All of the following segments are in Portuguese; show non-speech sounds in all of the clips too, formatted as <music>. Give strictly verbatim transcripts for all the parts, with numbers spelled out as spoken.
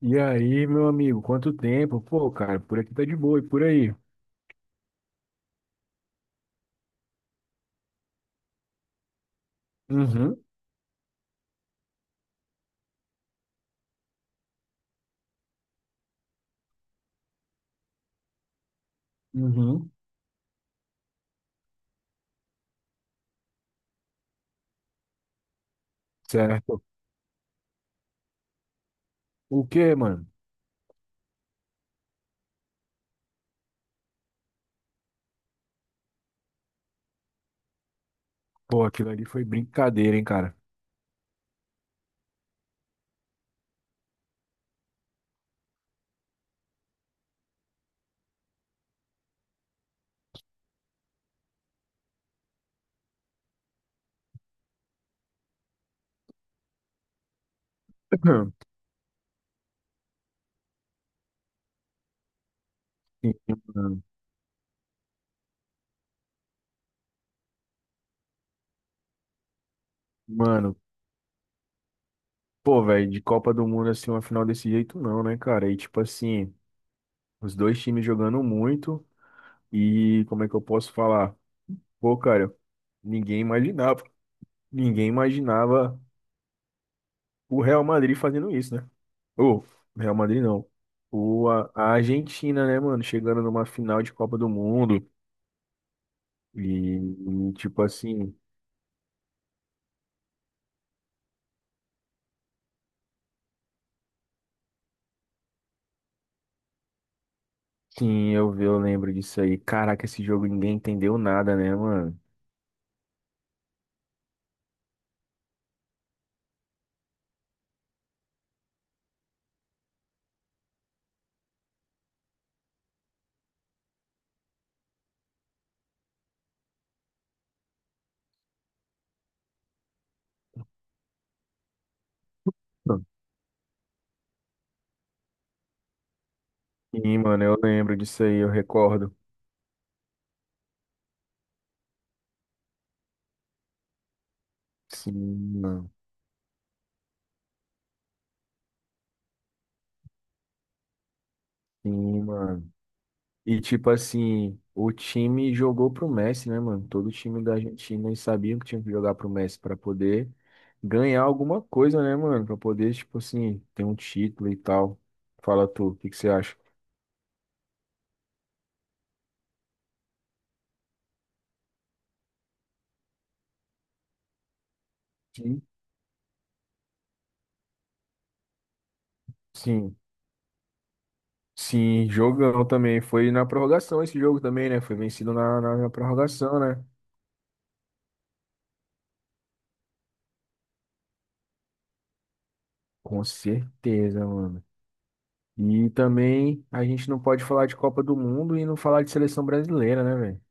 E aí, meu amigo, quanto tempo? Pô, cara, por aqui tá de boa e por aí? Uhum, uhum, certo. O quê, mano? Pô, aquilo ali foi brincadeira, hein, cara? <clears throat> Sim, mano, mano, pô, velho, de Copa do Mundo, assim, uma final desse jeito não, né, cara? E, tipo assim, os dois times jogando muito e, como é que eu posso falar? Pô, cara, ninguém imaginava, ninguém imaginava o Real Madrid fazendo isso, né? O Real Madrid não. O, a, a Argentina, né, mano? Chegando numa final de Copa do Mundo. E, e, tipo assim, sim, eu, vi- eu lembro disso aí. Caraca, esse jogo ninguém entendeu nada, né, mano? Sim, mano, eu lembro disso aí, eu recordo. Sim, mano. Sim, mano. E tipo assim, o time jogou pro Messi, né, mano? Todo time da Argentina eles sabiam que tinha que jogar pro Messi pra poder ganhar alguma coisa, né, mano? Pra poder, tipo assim, ter um título e tal. Fala tu, o que que você acha? Sim. Sim, sim, jogão também. Foi na prorrogação esse jogo também, né? Foi vencido na, na, na prorrogação, né? Com certeza, mano. E também a gente não pode falar de Copa do Mundo e não falar de seleção brasileira, né, velho?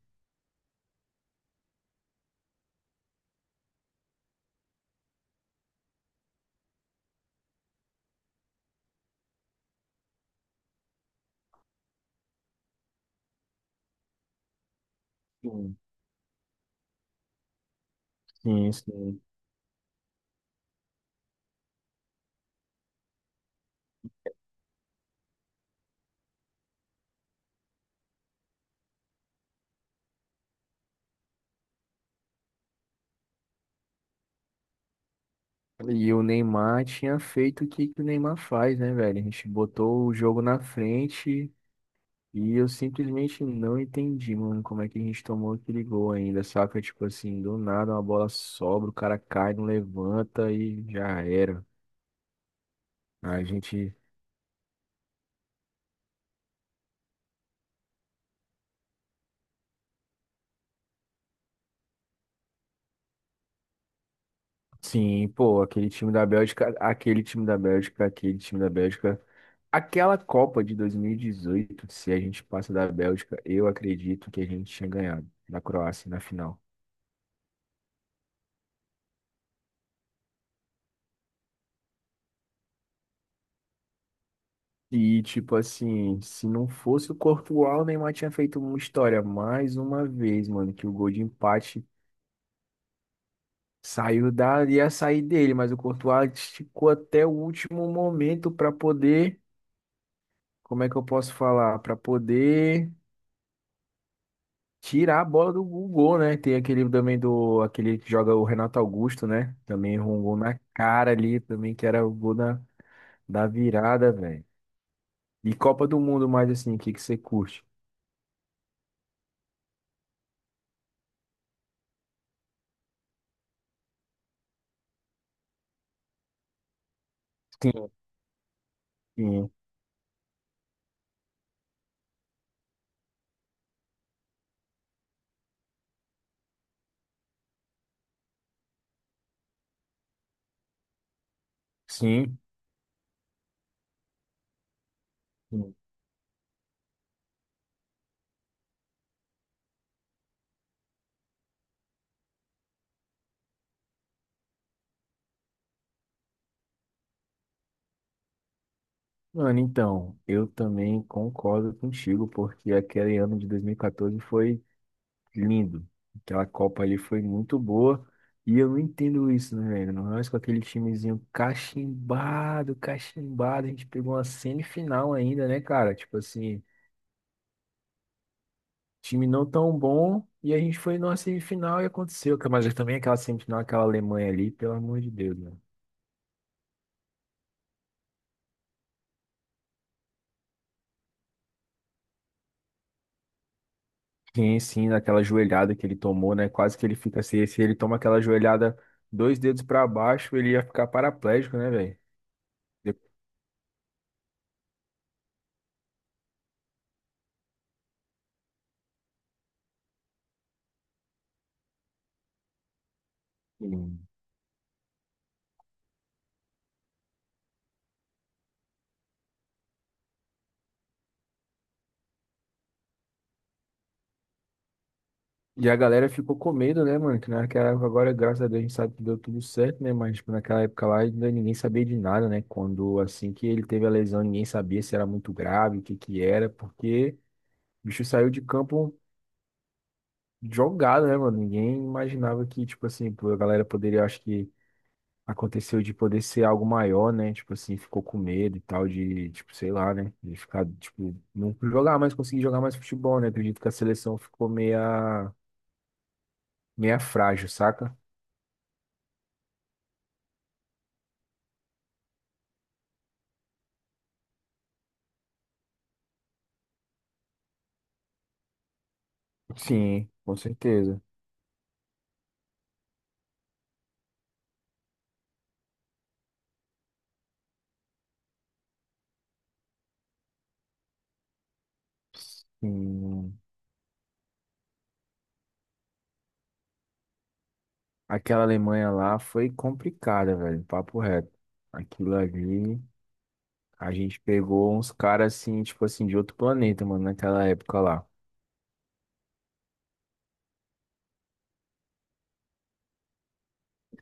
Sim, sim. Sim. E o Neymar tinha feito o que que o Neymar faz, né, velho? A gente botou o jogo na frente e eu simplesmente não entendi, mano, como é que a gente tomou aquele gol ainda, saca? Tipo assim, do nada uma bola sobra, o cara cai, não levanta e já era. A gente, sim, pô, aquele time da Bélgica, aquele time da Bélgica, aquele time da Bélgica. Aquela Copa de dois mil e dezoito, se a gente passa da Bélgica, eu acredito que a gente tinha ganhado da Croácia na final. E, tipo assim, se não fosse o Courtois, o Neymar tinha feito uma história mais uma vez, mano, que o gol de empate saiu da, ia sair dele, mas o Courtois esticou até o último momento pra poder, como é que eu posso falar? Pra poder tirar a bola do gol, né? Tem aquele também do, aquele que joga o Renato Augusto, né? Também errou um gol na cara ali, também que era o gol da, da virada, velho. E Copa do Mundo mais assim, o que que você curte? Sim. Sim, sim. Mano, então, eu também concordo contigo, porque aquele ano de dois mil e quatorze foi lindo. Aquela Copa ali foi muito boa. E eu não entendo isso, né, velho? Nós com aquele timezinho cachimbado, cachimbado, a gente pegou uma semifinal ainda, né, cara? Tipo assim, time não tão bom, e a gente foi numa semifinal e aconteceu. Mas também aquela semifinal, aquela Alemanha ali, pelo amor de Deus, né? Sim, sim, daquela joelhada que ele tomou, né? Quase que ele fica assim. Se ele toma aquela joelhada dois dedos pra baixo, ele ia ficar paraplégico, né, velho? De- Sim. E a galera ficou com medo, né, mano? Que naquela época, agora, graças a Deus, a gente sabe que deu tudo certo, né? Mas, tipo, naquela época lá, ainda ninguém sabia de nada, né? Quando, assim que ele teve a lesão, ninguém sabia se era muito grave, o que que era, porque o bicho saiu de campo jogado, né, mano? Ninguém imaginava que, tipo assim, pô, a galera poderia, acho que aconteceu de poder ser algo maior, né? Tipo assim, ficou com medo e tal de, tipo, sei lá, né? De ficar, tipo, não jogar mais, conseguir jogar mais futebol, né? Acredito que a seleção ficou meia, meia frágil, saca? Sim, com certeza. Sim. Aquela Alemanha lá foi complicada, velho, papo reto. Aquilo ali, a gente pegou uns caras assim, tipo assim, de outro planeta, mano, naquela época lá.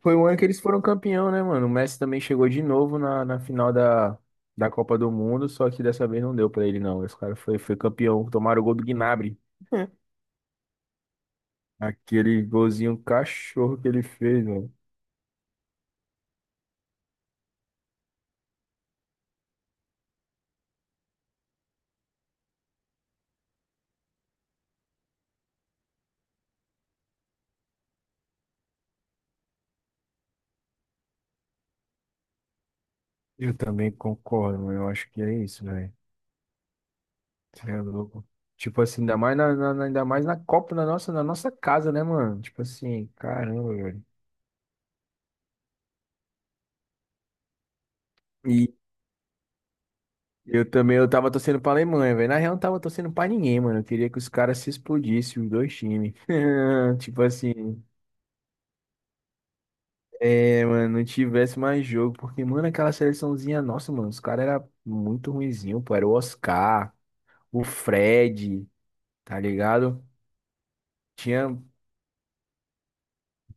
Foi o ano que eles foram campeão, né, mano? O Messi também chegou de novo na, na final da, da Copa do Mundo, só que dessa vez não deu pra ele, não. Esse cara foi, foi campeão, tomaram o gol do Gnabry. <laughs> Aquele golzinho cachorro que ele fez, mano. Eu também concordo, mano. Eu acho que é isso, velho. Você é louco. Tipo assim, ainda mais na, na- na- ainda mais na Copa, na nossa, na nossa casa, né, mano? Tipo assim, caramba, velho. Eu também, eu tava torcendo pra Alemanha, velho. Na real, eu não tava torcendo pra ninguém, mano. Eu queria que os caras se explodissem, os dois times. <laughs> Tipo assim, é, mano, não tivesse mais jogo. Porque, mano, aquela seleçãozinha, nossa, mano, os caras eram muito ruinzinho, pô. Era o Oscar, o Fred, tá ligado? Tinha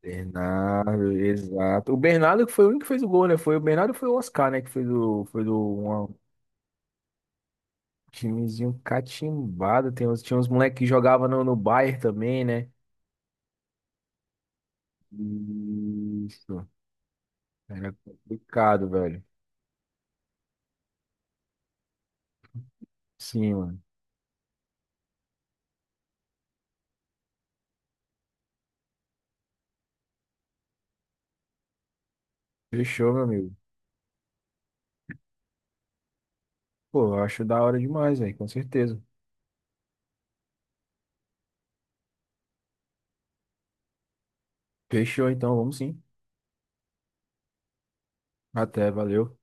Bernardo, exato. O Bernardo que foi o único que fez o gol, né? Foi o Bernardo e foi o Oscar, né? Que fez o, foi do, uma- timezinho catimbado. Tem uns, tinha uns moleques que jogavam no, no Bayern também, né? Isso. Era complicado, velho. Sim, mano. Fechou, meu amigo. Pô, eu acho da hora demais, velho, com certeza. Fechou, então, vamos sim. Até, valeu.